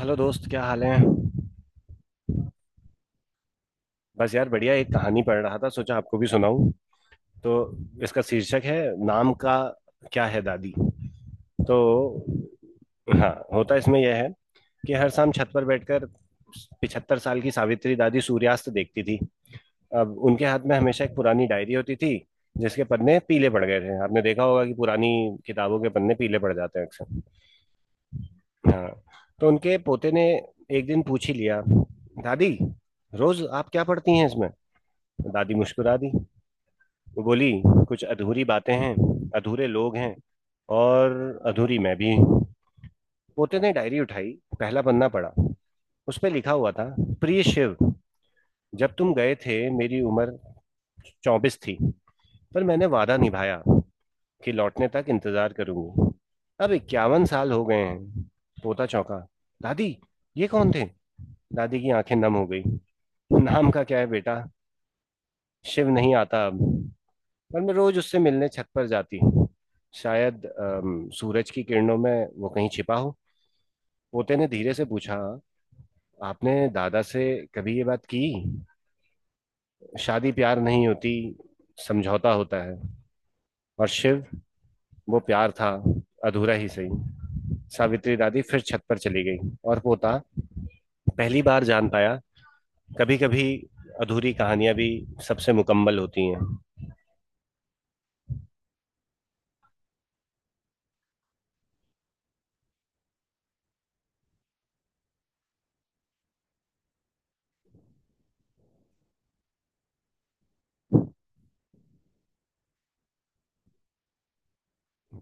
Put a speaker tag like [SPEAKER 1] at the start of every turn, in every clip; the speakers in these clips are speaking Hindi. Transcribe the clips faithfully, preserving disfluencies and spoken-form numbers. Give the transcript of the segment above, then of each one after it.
[SPEAKER 1] हेलो दोस्त, क्या हाल है। बस यार, बढ़िया। एक कहानी पढ़ रहा था, सोचा आपको भी सुनाऊं। तो इसका शीर्षक है, नाम का क्या है दादी। तो हाँ, होता इसमें यह है कि हर शाम छत पर बैठकर पिछहत्तर साल की सावित्री दादी सूर्यास्त देखती थी। अब उनके हाथ में हमेशा एक पुरानी डायरी होती थी जिसके पन्ने पीले पड़ गए थे। आपने देखा होगा कि पुरानी किताबों के पन्ने पीले पड़ जाते हैं अक्सर। हाँ। तो उनके पोते ने एक दिन पूछ ही लिया, दादी रोज आप क्या पढ़ती हैं इसमें। दादी मुस्कुरा दी। वो बोली, कुछ अधूरी बातें हैं, अधूरे लोग हैं, और अधूरी मैं भी हूँ। पोते ने डायरी उठाई, पहला पन्ना पढ़ा। उस पर लिखा हुआ था, प्रिय शिव, जब तुम गए थे मेरी उम्र चौबीस थी, पर मैंने वादा निभाया कि लौटने तक इंतजार करूंगी। अब इक्यावन साल हो गए हैं। पोता चौंका, दादी ये कौन थे। दादी की आंखें नम हो गई। नाम का क्या है बेटा, शिव नहीं आता अब, पर मैं रोज उससे मिलने छत पर जाती। शायद अम, सूरज की किरणों में वो कहीं छिपा हो। पोते ने धीरे से पूछा, आपने दादा से कभी ये बात की। शादी प्यार नहीं होती, समझौता होता है। और शिव, वो प्यार था, अधूरा ही सही। सावित्री दादी फिर छत पर चली गई और पोता पहली बार जान पाया, कभी कभी अधूरी कहानियां भी सबसे मुकम्मल होती हैं।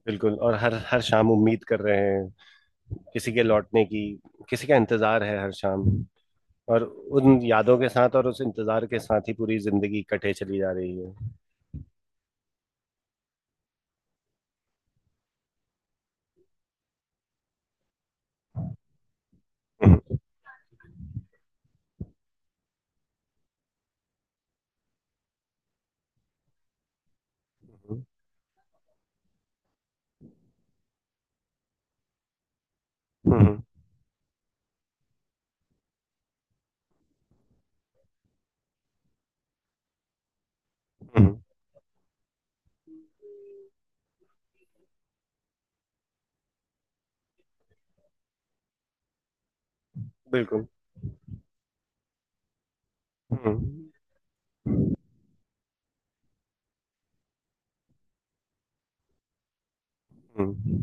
[SPEAKER 1] बिल्कुल। और हर हर शाम उम्मीद कर रहे हैं किसी के लौटने की। किसी का इंतजार है हर शाम, और उन यादों के साथ और उस इंतजार के साथ ही पूरी जिंदगी कटे चली जा रही है। हम्म। हम्म। हम्म। हम्म। बिल्कुल। हम्म। हम्म।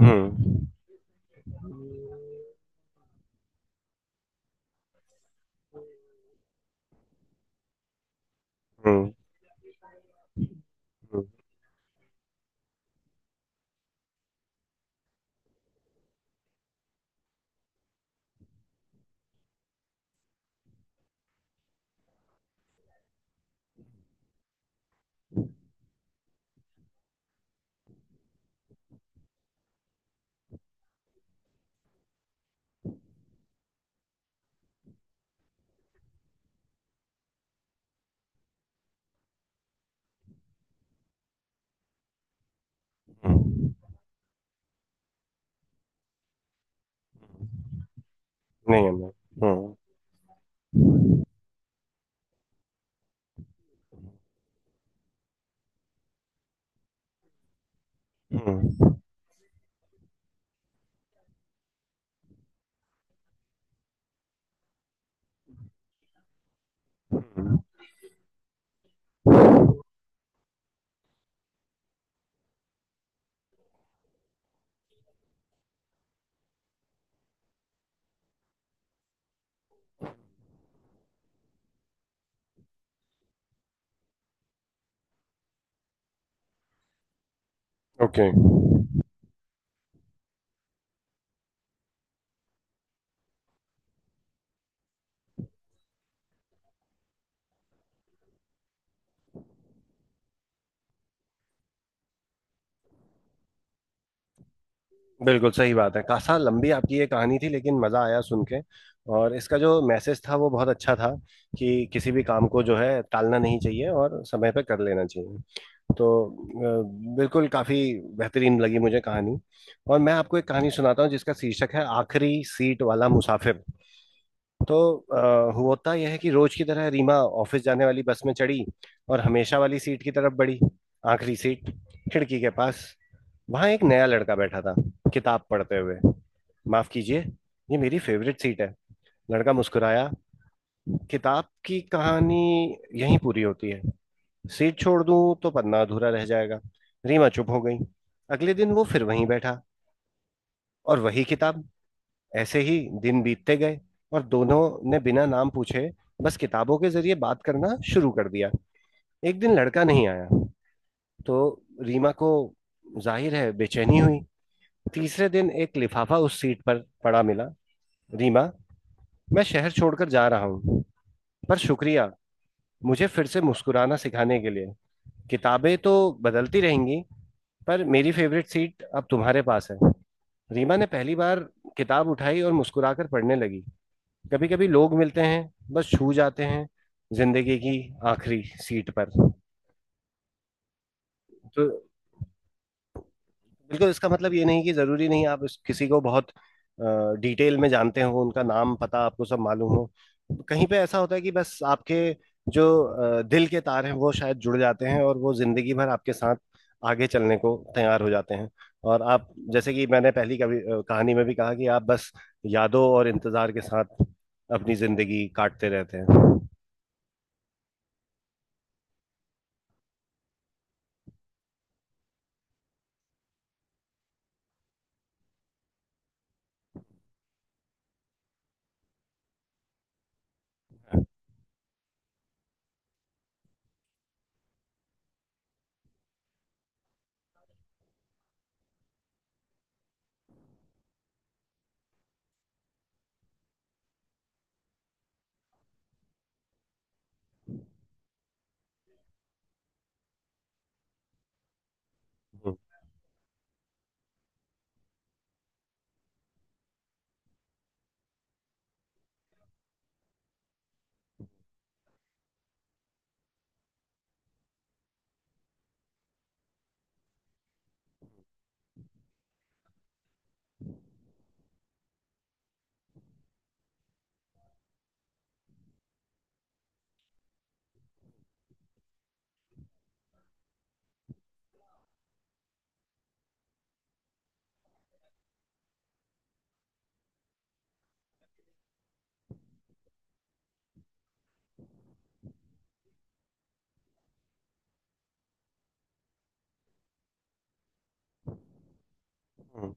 [SPEAKER 1] हम्म। हम्म। हम्म। नहीं अन्ना। हम्म। हम्म। हम्म। ओके। बिल्कुल सही बात है। कासा लंबी आपकी ये कहानी थी, लेकिन मजा आया सुन के। और इसका जो मैसेज था वो बहुत अच्छा था कि किसी भी काम को जो है टालना नहीं चाहिए और समय पे कर लेना चाहिए। तो अ, बिल्कुल काफी बेहतरीन लगी मुझे कहानी। और मैं आपको एक कहानी सुनाता हूँ जिसका शीर्षक है आखिरी सीट वाला मुसाफिर। तो अ, होता यह है कि रोज की तरह रीमा ऑफिस जाने वाली बस में चढ़ी और हमेशा वाली सीट की तरफ बढ़ी। आखिरी सीट, खिड़की के पास। वहां एक नया लड़का बैठा था, किताब पढ़ते हुए। माफ कीजिए, ये मेरी फेवरेट सीट है। लड़का मुस्कुराया, किताब की कहानी यहीं पूरी होती है, सीट छोड़ दूं तो पन्ना अधूरा रह जाएगा। रीमा चुप हो गई। अगले दिन वो फिर वहीं बैठा, और वही किताब। ऐसे ही दिन बीतते गए, और दोनों ने बिना नाम पूछे बस किताबों के जरिए बात करना शुरू कर दिया। एक दिन लड़का नहीं आया। तो रीमा को जाहिर है बेचैनी हुई। तीसरे दिन एक लिफाफा उस सीट पर पड़ा मिला। रीमा, मैं शहर छोड़कर जा रहा हूँ, पर शुक्रिया मुझे फिर से मुस्कुराना सिखाने के लिए। किताबें तो बदलती रहेंगी, पर मेरी फेवरेट सीट अब तुम्हारे पास है। रीमा ने पहली बार किताब उठाई और मुस्कुराकर पढ़ने लगी। कभी कभी लोग मिलते हैं, बस छू जाते हैं, जिंदगी की आखिरी सीट पर। तो बिल्कुल, इसका मतलब ये नहीं कि जरूरी नहीं आप इस किसी को बहुत डिटेल में जानते हो, उनका नाम पता आपको सब मालूम हो। कहीं पे ऐसा होता है कि बस आपके जो अ, दिल के तार हैं वो शायद जुड़ जाते हैं और वो जिंदगी भर आपके साथ आगे चलने को तैयार हो जाते हैं। और आप जैसे कि मैंने पहली कवि अ, कहानी में भी कहा कि आप बस यादों और इंतजार के साथ अपनी जिंदगी काटते रहते हैं। हम्म। हम्म।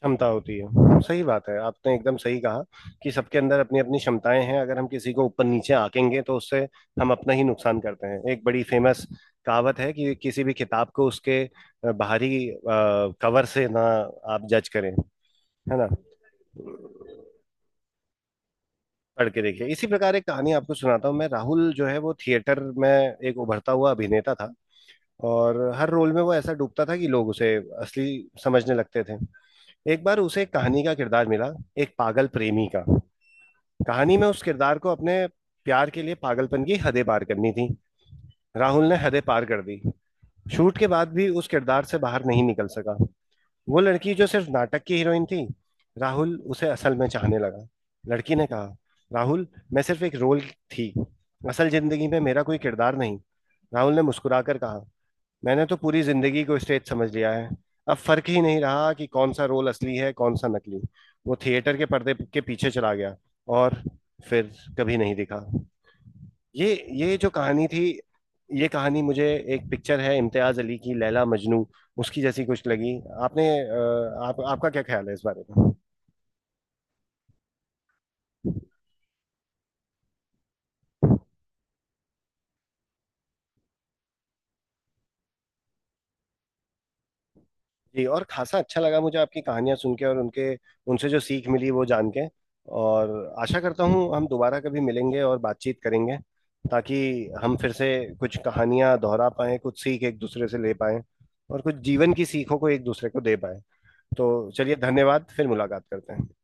[SPEAKER 1] क्षमता होती है। सही बात है, आपने एकदम सही कहा कि सबके अंदर अपनी अपनी क्षमताएं हैं। अगर हम किसी को ऊपर नीचे आंकेंगे तो उससे हम अपना ही नुकसान करते हैं। एक बड़ी फेमस कहावत है कि किसी भी किताब को उसके अ, बाहरी कवर से ना आप जज करें, है ना। पढ़ के देखिए। इसी प्रकार एक कहानी आपको सुनाता हूँ। मैं राहुल, जो है वो थिएटर में एक उभरता हुआ अभिनेता था, और हर रोल में वो ऐसा डूबता था कि लोग उसे असली समझने लगते थे। एक बार उसे एक कहानी का किरदार मिला, एक पागल प्रेमी का। कहानी में उस किरदार को अपने प्यार के लिए पागलपन की हदें पार करनी थी। राहुल ने हदें पार कर दी। शूट के बाद भी उस किरदार से बाहर नहीं निकल सका। वो लड़की जो सिर्फ नाटक की हीरोइन थी, राहुल उसे असल में चाहने लगा। लड़की ने कहा, राहुल, मैं सिर्फ एक रोल थी, असल जिंदगी में मेरा कोई किरदार नहीं। राहुल ने मुस्कुराकर कहा, मैंने तो पूरी जिंदगी को स्टेज समझ लिया है, अब फर्क ही नहीं रहा कि कौन सा रोल असली है कौन सा नकली। वो थिएटर के पर्दे के पीछे चला गया और फिर कभी नहीं दिखा। ये ये जो कहानी थी, ये कहानी मुझे एक पिक्चर है, इम्तियाज अली की लैला मजनू, उसकी जैसी कुछ लगी। आपने अ, आप आपका क्या ख्याल है इस बारे में। जी, और खासा अच्छा लगा मुझे आपकी कहानियां सुन के, और उनके उनसे जो सीख मिली वो जान के। और आशा करता हूँ हम दोबारा कभी मिलेंगे और बातचीत करेंगे, ताकि हम फिर से कुछ कहानियां दोहरा पाएं, कुछ सीख एक दूसरे से ले पाएं, और कुछ जीवन की सीखों को एक दूसरे को दे पाएं। तो चलिए, धन्यवाद, फिर मुलाकात करते हैं।